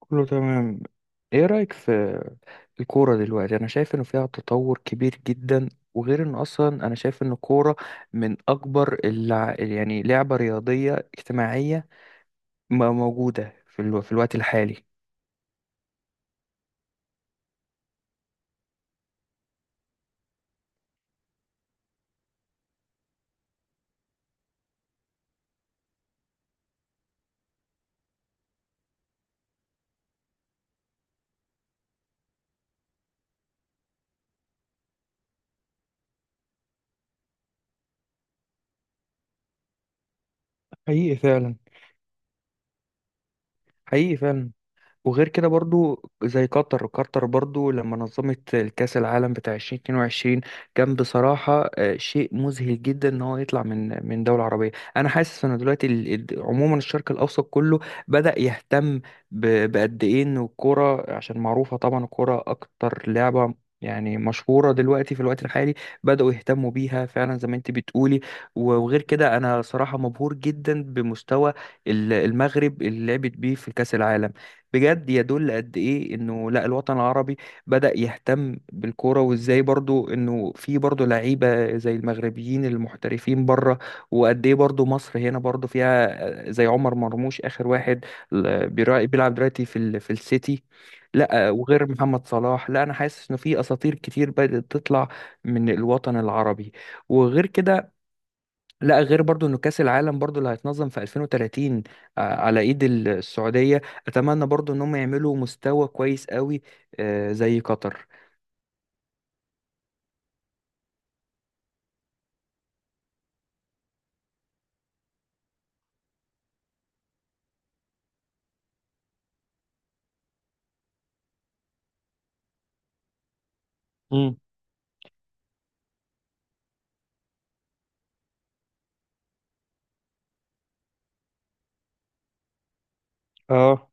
كله تمام. ايه رأيك في الكورة دلوقتي؟ انا شايف انه فيها تطور كبير جدا. وغير ان اصلا انا شايف ان الكورة من اكبر اللع... يعني لعبة رياضية اجتماعية ما موجودة في الوقت الحالي. حقيقي فعلا. حقيقي فعلا. وغير كده برضو زي قطر، قطر برضو لما نظمت الكأس العالم بتاع 2022 كان بصراحة شيء مذهل جدا ان هو يطلع من دولة عربية. انا حاسس ان دلوقتي عموما الشرق الاوسط كله بدأ يهتم بقد ايه ان الكورة، عشان معروفة طبعا الكورة اكتر لعبة يعني مشهورة دلوقتي في الوقت الحالي. بدأوا يهتموا بيها فعلا زي ما انت بتقولي. وغير كده انا صراحة مبهور جدا بمستوى المغرب اللي لعبت بيه في كأس العالم. بجد يدل قد ايه انه لا، الوطن العربي بدأ يهتم بالكوره، وازاي برضو انه في برضو لعيبه زي المغربيين المحترفين بره. وقد ايه برضو مصر هنا برضو فيها، زي عمر مرموش اخر واحد بيلعب دلوقتي في في السيتي. لا، وغير محمد صلاح. لا، انا حاسس انه في اساطير كتير بدأت تطلع من الوطن العربي. وغير كده، لا، غير برضو انه كاس العالم برضو اللي هيتنظم في 2030 على ايد السعوديه. اتمنى برضو انهم يعملوا مستوى كويس قوي زي قطر. امم اه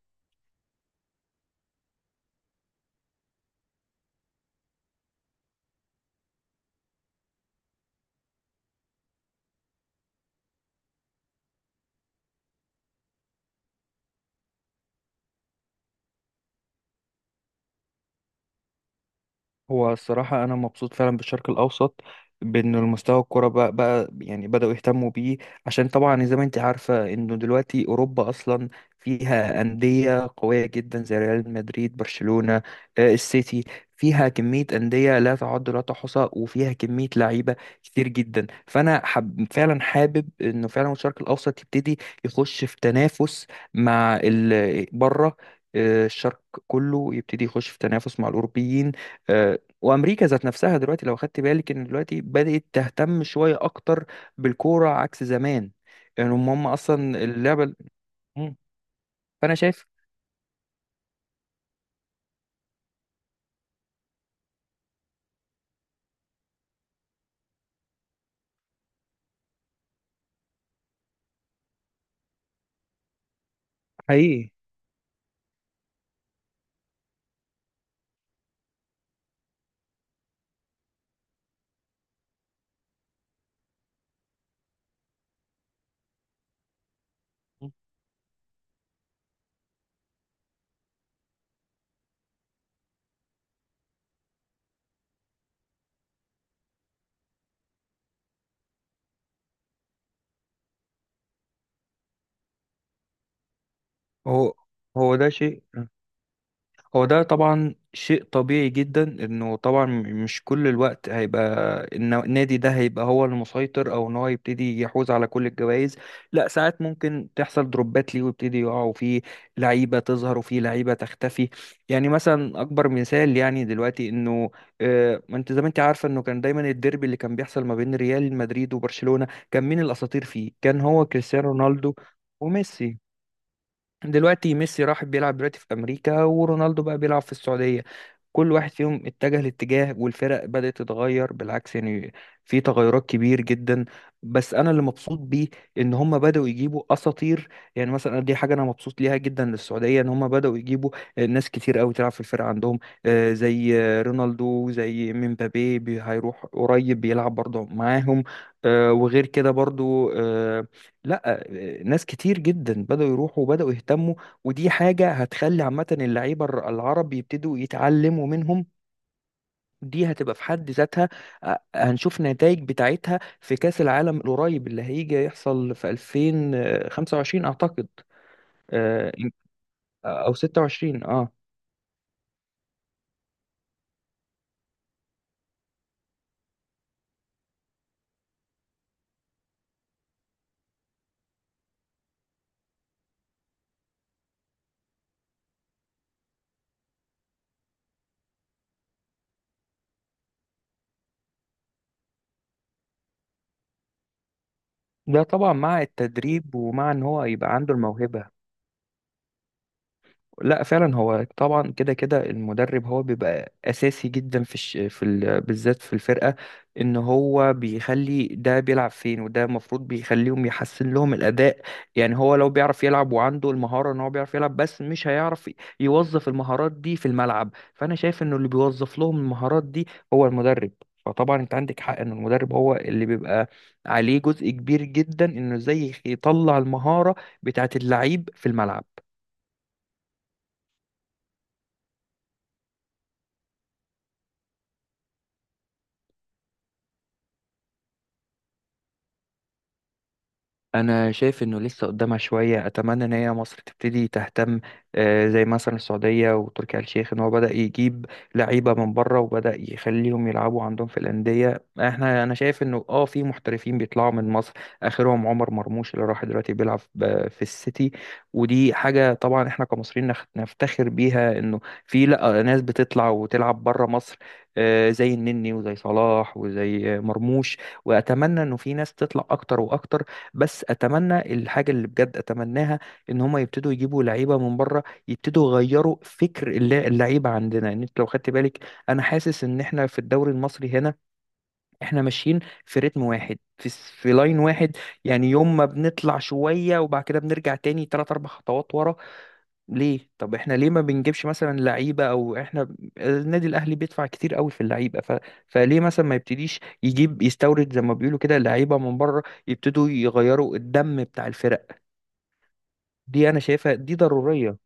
هو الصراحة أنا مبسوط فعلا بالشرق الأوسط بأن المستوى الكرة بقى، يعني بدأوا يهتموا بيه، عشان طبعا زي ما أنت عارفة إنه دلوقتي أوروبا أصلا فيها أندية قوية جدا زي ريال مدريد، برشلونة، السيتي. فيها كمية أندية لا تعد ولا تحصى، وفيها كمية لعيبة كتير جدا. فأنا فعلا حابب إنه فعلا الشرق الأوسط يبتدي يخش في تنافس مع بره. الشرق كله يبتدي يخش في تنافس مع الأوروبيين. آه، وامريكا ذات نفسها دلوقتي لو خدت بالك ان دلوقتي بدأت تهتم شويه اكتر بالكوره عكس زمان. يعني هم اصلا اللعبه مم. فانا شايف. حقيقي. هو هو ده شيء هو ده طبعا شيء طبيعي جدا، انه طبعا مش كل الوقت هيبقى ان النادي ده هيبقى هو المسيطر، او ان هو يبتدي يحوز على كل الجوائز. لا، ساعات ممكن تحصل دروبات ليه ويبتدي يقع، وفيه لعيبة تظهر وفيه لعيبة تختفي. يعني مثلا اكبر مثال يعني دلوقتي انه، ما انت زي ما انت عارفة انه كان دايما الديربي اللي كان بيحصل ما بين ريال مدريد وبرشلونة كان مين الاساطير فيه؟ كان هو كريستيانو رونالدو وميسي. دلوقتي ميسي راح بيلعب دلوقتي في امريكا، ورونالدو بقى بيلعب في السعوديه. كل واحد فيهم اتجه لاتجاه، والفرق بدات تتغير بالعكس. يعني في تغيرات كبير جدا. بس انا اللي مبسوط بيه ان هم بداوا يجيبوا اساطير. يعني مثلا دي حاجه انا مبسوط ليها جدا للسعوديه، ان هم بداوا يجيبوا ناس كتير قوي تلعب في الفرقه عندهم زي رونالدو، زي مبابي هيروح قريب بيلعب برضه معاهم. آه، وغير كده برضه آه، لا آه، ناس كتير جدا بداوا يروحوا وبداوا يهتموا، ودي حاجة هتخلي عامة اللعيبة العرب يبتدوا يتعلموا منهم. دي هتبقى في حد ذاتها هنشوف نتائج بتاعتها في كأس العالم القريب اللي هيجي يحصل في 2025 أعتقد، آه، أو 26. اه ده طبعا مع التدريب ومع ان هو يبقى عنده الموهبة. لا فعلا، هو طبعا كده كده المدرب هو بيبقى اساسي جدا في بالذات في الفرقه، ان هو بيخلي ده بيلعب فين وده، المفروض بيخليهم يحسن لهم الاداء. يعني هو لو بيعرف يلعب وعنده المهاره، ان هو بيعرف يلعب بس مش هيعرف يوظف المهارات دي في الملعب. فانا شايف انه اللي بيوظف لهم المهارات دي هو المدرب. فطبعا انت عندك حق ان المدرب هو اللي بيبقى عليه جزء كبير جدا انه ازاي يطلع المهاره بتاعت اللعيب في الملعب. انا شايف انه لسه قدامها شويه. اتمنى ان هي مصر تبتدي تهتم زي مثلا السعوديه وتركي آل الشيخ، ان هو بدا يجيب لعيبه من بره وبدا يخليهم يلعبوا عندهم في الانديه. احنا، انا شايف انه اه في محترفين بيطلعوا من مصر، اخرهم عمر مرموش اللي راح دلوقتي بيلعب في السيتي. ودي حاجه طبعا احنا كمصريين نفتخر بيها، انه في، لا، ناس بتطلع وتلعب بره مصر زي النني وزي صلاح وزي مرموش. واتمنى انه في ناس تطلع اكتر واكتر. بس اتمنى الحاجه اللي بجد اتمناها ان هم يبتدوا يجيبوا لعيبه من بره، يبتدوا يغيروا فكر اللعيبه عندنا. يعني انت لو خدت بالك، انا حاسس ان احنا في الدوري المصري هنا احنا ماشيين في رتم واحد، في في لاين واحد. يعني يوم ما بنطلع شويه، وبعد كده بنرجع تاني 3 4 خطوات ورا. ليه؟ طب احنا ليه ما بنجيبش مثلا لعيبه؟ او احنا النادي الاهلي بيدفع كتير قوي في اللعيبه، فليه مثلا ما يبتديش يجيب، يستورد زي ما بيقولوا كده، لعيبه من بره، يبتدوا يغيروا الدم بتاع الفرق؟ دي انا شايفها دي ضروريه.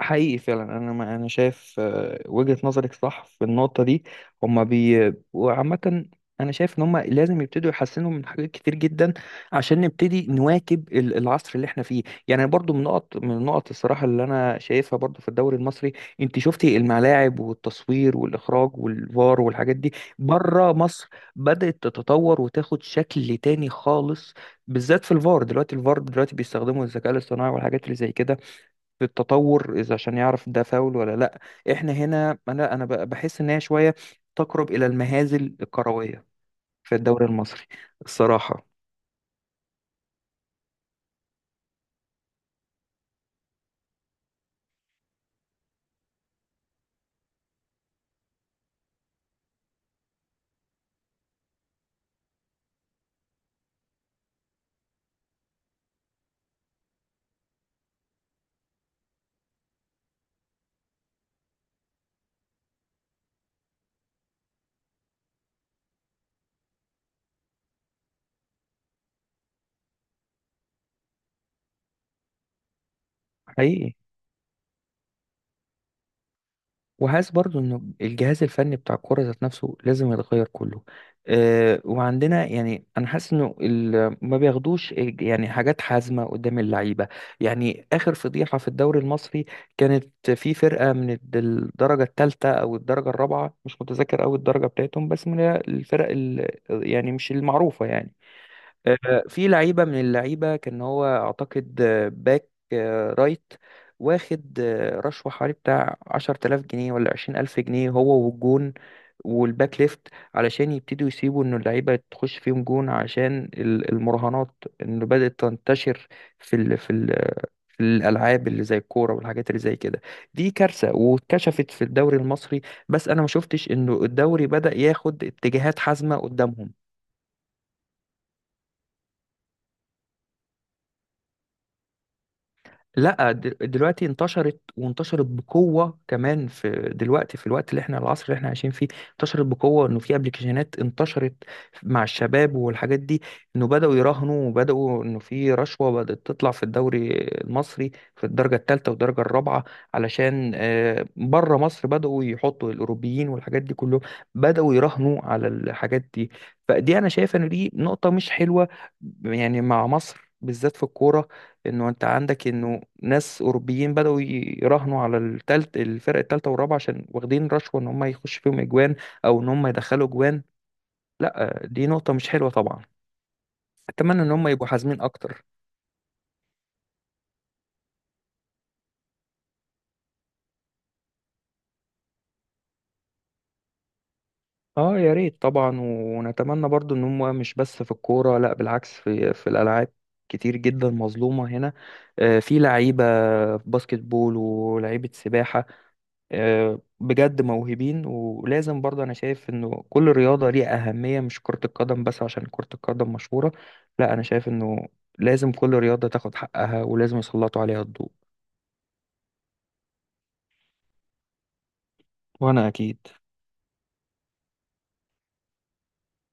حقيقي فعلا، انا ما انا شايف وجهة نظرك صح في النقطة دي. هما بي وعامة انا شايف ان هما لازم يبتدوا يحسنوا من حاجات كتير جدا عشان نبتدي نواكب العصر اللي احنا فيه. يعني برضو من نقط من النقط الصراحة اللي انا شايفها برضو في الدوري المصري، انت شفتي الملاعب والتصوير والاخراج والفار والحاجات دي بره مصر بدأت تتطور وتاخد شكل تاني خالص، بالذات في الفار. دلوقتي الفار دلوقتي بيستخدموا الذكاء الاصطناعي والحاجات اللي زي كده. التطور، اذا، عشان يعرف ده فاول ولا لا. احنا هنا انا، بحس ان هي شويه تقرب الى المهازل الكرويه في الدوري المصري الصراحه. حقيقي. وحاسس برضو ان الجهاز الفني بتاع الكوره ذات نفسه لازم يتغير كله. أه، وعندنا يعني انا حاسس انه ما بياخدوش يعني حاجات حازمه قدام اللعيبه. يعني اخر فضيحه في الدوري المصري كانت في فرقه من الدرجه الثالثه او الدرجه الرابعه، مش متذكر أوي الدرجه بتاعتهم بس من الفرق يعني مش المعروفه. يعني في لعيبة من اللعيبة كان هو أعتقد باك رايت، واخد رشوة حوالي بتاع عشرة آلاف جنيه ولا عشرين ألف جنيه، هو والجون والباك ليفت، علشان يبتدوا يسيبوا إن اللعيبة تخش فيهم جون عشان المراهنات، إنه بدأت تنتشر في ال في ال في الألعاب اللي زي الكورة والحاجات اللي زي كده. دي كارثة واتكشفت في الدوري المصري، بس أنا ما شفتش إنه الدوري بدأ ياخد اتجاهات حازمة قدامهم. لا، دلوقتي انتشرت وانتشرت بقوة كمان في، دلوقتي في الوقت اللي احنا العصر اللي احنا عايشين فيه انتشرت بقوة، انه في ابلكيشنات انتشرت مع الشباب والحاجات دي، انه بدأوا يراهنوا وبدأوا انه في رشوة بدأت تطلع في الدوري المصري في الدرجة الثالثة والدرجة الرابعة، علشان بره مصر بدأوا يحطوا الاوروبيين والحاجات دي كلهم بدأوا يراهنوا على الحاجات دي. فدي انا شايف ان دي نقطة مش حلوة يعني مع مصر بالذات في الكورة، انه انت عندك انه ناس اوروبيين بداوا يراهنوا على التالت، الفرق التالتة والرابعة، عشان واخدين رشوة ان هم يخش فيهم اجوان او ان هم يدخلوا اجوان. لا دي نقطة مش حلوة طبعا، اتمنى ان هم يبقوا حازمين اكتر. اه يا ريت طبعا، ونتمنى برضو ان هم مش بس في الكورة، لا بالعكس، في الالعاب كتير جدا مظلومة هنا في لعيبة باسكت بول ولعيبة سباحة بجد موهوبين، ولازم برضه انا شايف انه كل رياضة ليها أهمية مش كرة القدم بس عشان كرة القدم مشهورة. لا انا شايف انه لازم كل رياضة تاخد حقها، ولازم يسلطوا عليها الضوء. وانا اكيد.